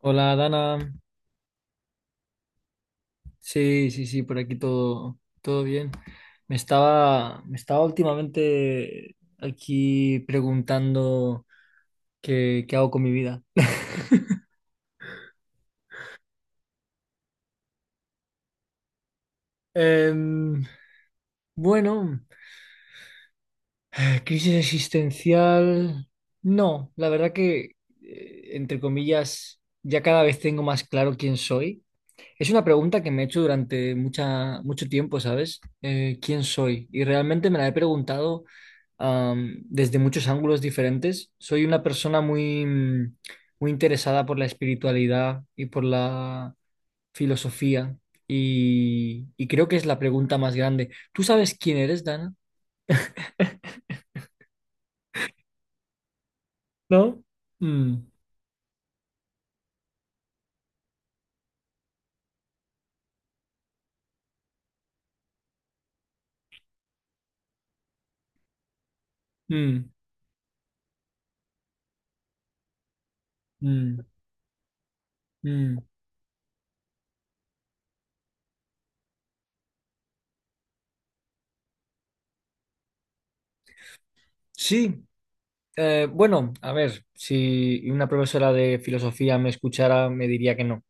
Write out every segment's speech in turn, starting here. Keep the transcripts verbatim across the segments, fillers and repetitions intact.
Hola, Dana. Sí, sí, sí, por aquí todo, todo bien. Me estaba, me estaba últimamente aquí preguntando qué, qué hago con mi vida. Em, bueno, crisis existencial, no, la verdad que, eh, entre comillas, ya cada vez tengo más claro quién soy. Es una pregunta que me he hecho durante mucha, mucho tiempo, ¿sabes? Eh, ¿quién soy? Y realmente me la he preguntado am, desde muchos ángulos diferentes. Soy una persona muy, mm, muy interesada por la espiritualidad y por la filosofía, y, y creo que es la pregunta más grande. ¿Tú sabes quién eres, Dana? ¿No? Mm, mm, mm, mm. Sí, eh, bueno, a ver, si una profesora de filosofía me escuchara, me diría que no,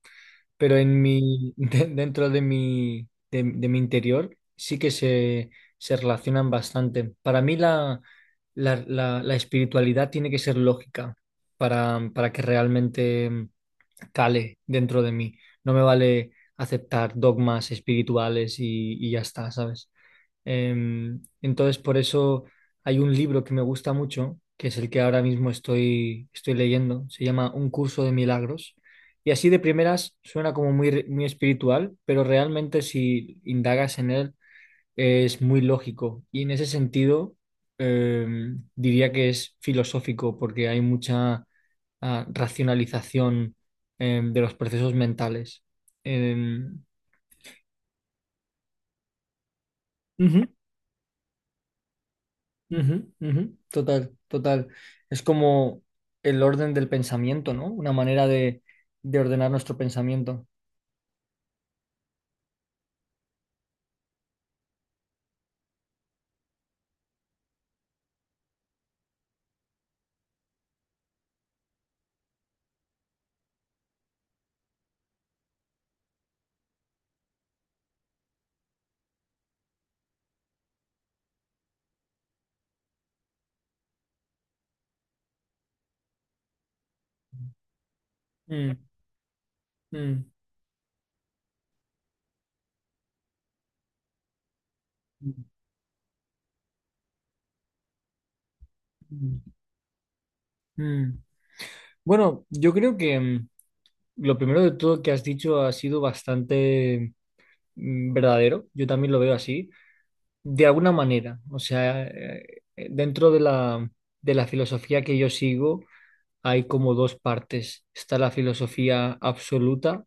pero en mi, de- dentro de mi, de, de mi interior sí que se, se relacionan bastante. Para mí la, la, la- la espiritualidad tiene que ser lógica para, para que realmente mm, cale dentro de mí. No me vale aceptar dogmas espirituales y, y ya está, ¿sabes? Em, entonces, por eso hay un libro que me gusta mucho, que es el que ahora mismo estoy, estoy leyendo. Se llama Un curso de milagros. Y así de primeras suena como muy, re- muy espiritual, pero realmente si indagas en él es muy lógico. Y en ese sentido, em, diría que es filosófico porque hay mucha ah, racionalización em, de los procesos mentales. Em, Ujú. Ujú, ujú. Total, total. Es como el orden del pensamiento, ¿no? Una manera de, de ordenar nuestro pensamiento. Mm, mm, mm, mm. Bueno, yo creo que mm, lo primero de todo que has dicho ha sido bastante mm, verdadero. Yo también lo veo así, de alguna manera. O sea, eh, eh, dentro de la, de la filosofía que yo sigo, hay como dos partes. Está la filosofía absoluta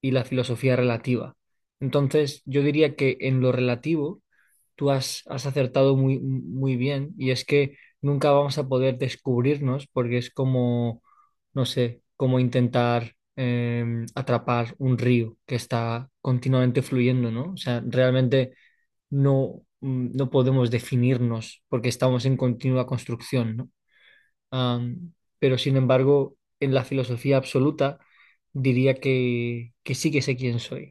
y la filosofía relativa. Entonces, yo diría que en lo relativo tú has, has acertado muy, muy bien, y es que nunca vamos a poder descubrirnos porque es como, no sé, como intentar eh, atrapar un río que está continuamente fluyendo, ¿no? O sea, realmente no, mm, no podemos definirnos porque estamos en continua construcción, ¿no? Am, pero sin embargo, en la filosofía absoluta diría que, que sí que sé quién soy.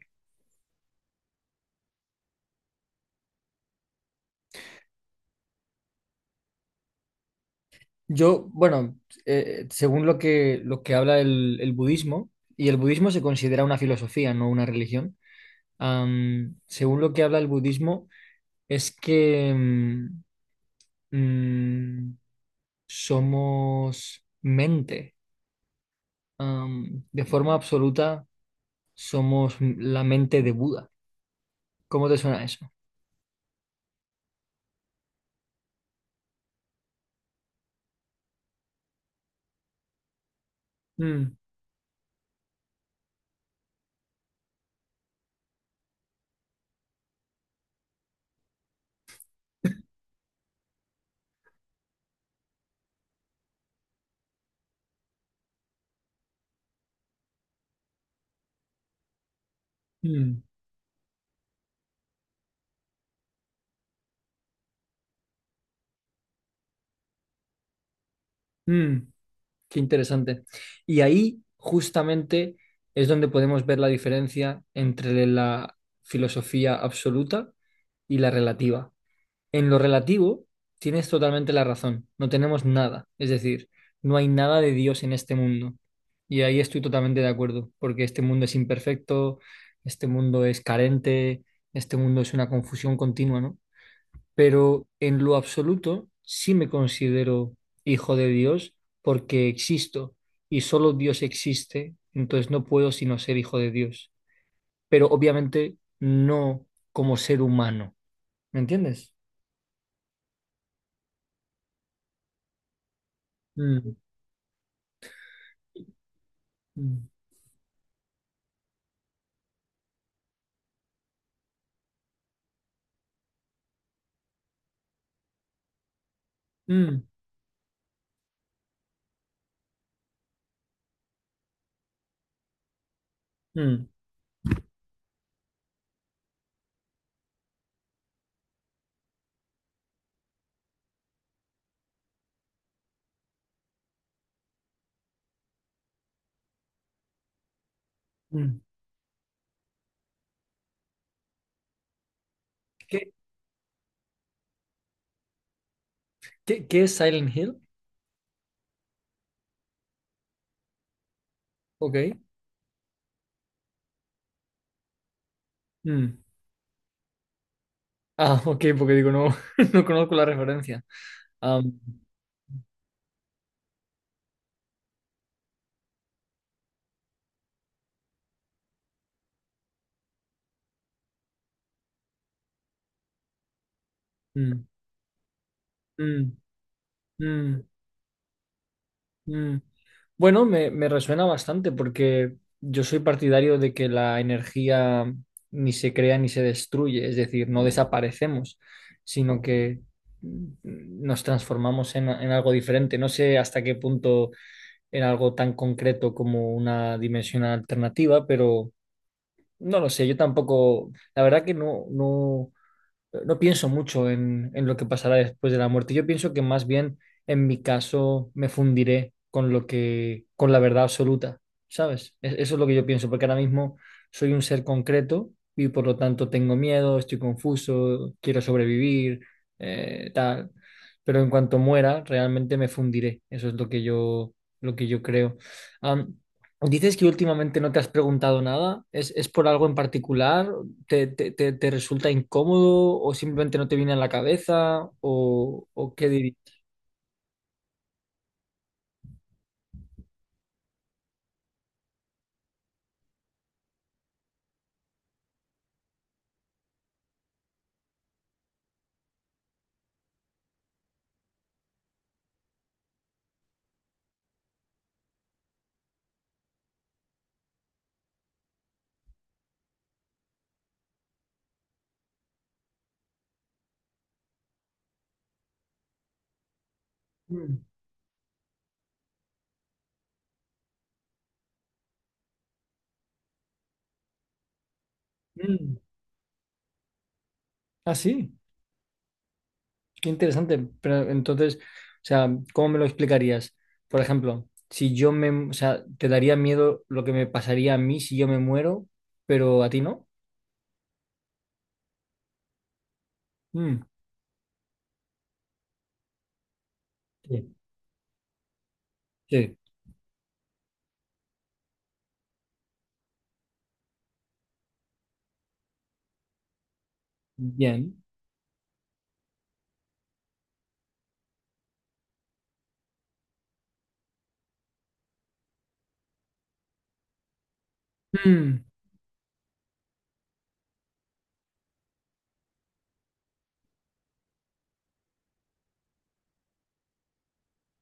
Yo, bueno, eh, según lo que, lo que habla el, el budismo, y el budismo se considera una filosofía, no una religión, am, según lo que habla el budismo es que mm, mm, somos mente. Am, de forma absoluta somos la mente de Buda. ¿Cómo te suena eso? Mm, mm, mm. Qué interesante. Y ahí justamente es donde podemos ver la diferencia entre la filosofía absoluta y la relativa. En lo relativo, tienes totalmente la razón, no tenemos nada, es decir, no hay nada de Dios en este mundo. Y ahí estoy totalmente de acuerdo, porque este mundo es imperfecto, este mundo es carente, este mundo es una confusión continua, ¿no? Pero en lo absoluto sí me considero hijo de Dios porque existo y solo Dios existe, entonces no puedo sino ser hijo de Dios, pero obviamente no como ser humano, ¿me entiendes? Mm, mm, mm, mm, mm. ¿Qué, qué- qué es Silent Hill? Ok. Mm. Ah, ok, porque digo, no, no conozco la referencia. Am, mm, mm, mm. Mm. Bueno, me, me resuena bastante porque yo soy partidario de que la energía ni se crea ni se destruye, es decir, no desaparecemos, sino que mm, nos transformamos en, en algo diferente. No sé hasta qué punto en algo tan concreto como una dimensión alternativa, pero no lo sé, yo tampoco, la verdad que no, no no no pienso mucho en, en lo que pasará después de la muerte. Yo pienso que más bien, en mi caso, me fundiré con lo que, con la verdad absoluta, ¿sabes? Es- eso es lo que yo pienso, porque ahora mismo soy un ser concreto y por lo tanto tengo miedo, estoy confuso, quiero sobrevivir, eh, tal. Pero en cuanto muera, realmente me fundiré. Eso es lo que yo, lo que yo creo. Am, Dices que últimamente no te has preguntado nada. ¿Es, es por algo en particular? te, te- te- te resulta incómodo o simplemente no te viene a la cabeza, o, o qué dirías? Mm, mm. Ah, sí, qué interesante. Pero entonces, o sea, ¿cómo me lo explicarías? Por ejemplo, si yo me, o sea, ¿te daría miedo lo que me pasaría a mí si yo me muero, pero a ti no? Mm, sí, sí, bien. Mm,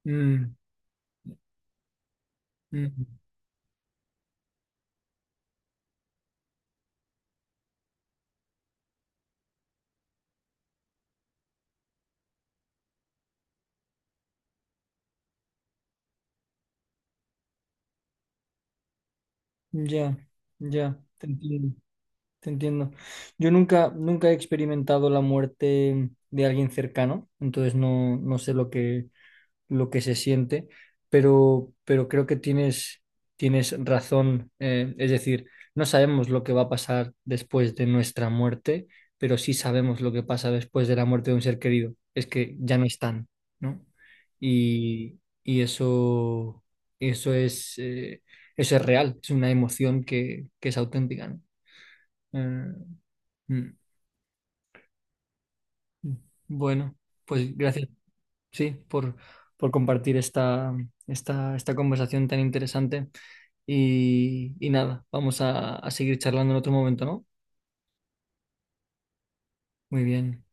mm, mm. Ya, ya, te entiendo. Te entiendo. Yo nunca, nunca he experimentado la muerte de alguien cercano, entonces no, no sé lo que, lo que se siente, pero, pero creo que tienes, tienes razón. eh, es decir, no sabemos lo que va a pasar después de nuestra muerte, pero sí sabemos lo que pasa después de la muerte de un ser querido. Es que ya no están, ¿no? Y, y eso, eso es, eh, eso es real, es una emoción que, que es auténtica, ¿no? Eh, Mm, mm. Bueno, pues gracias, sí, por, por compartir esta, esta, esta conversación tan interesante. Y, y nada, vamos a, a seguir charlando en otro momento, ¿no? Muy bien.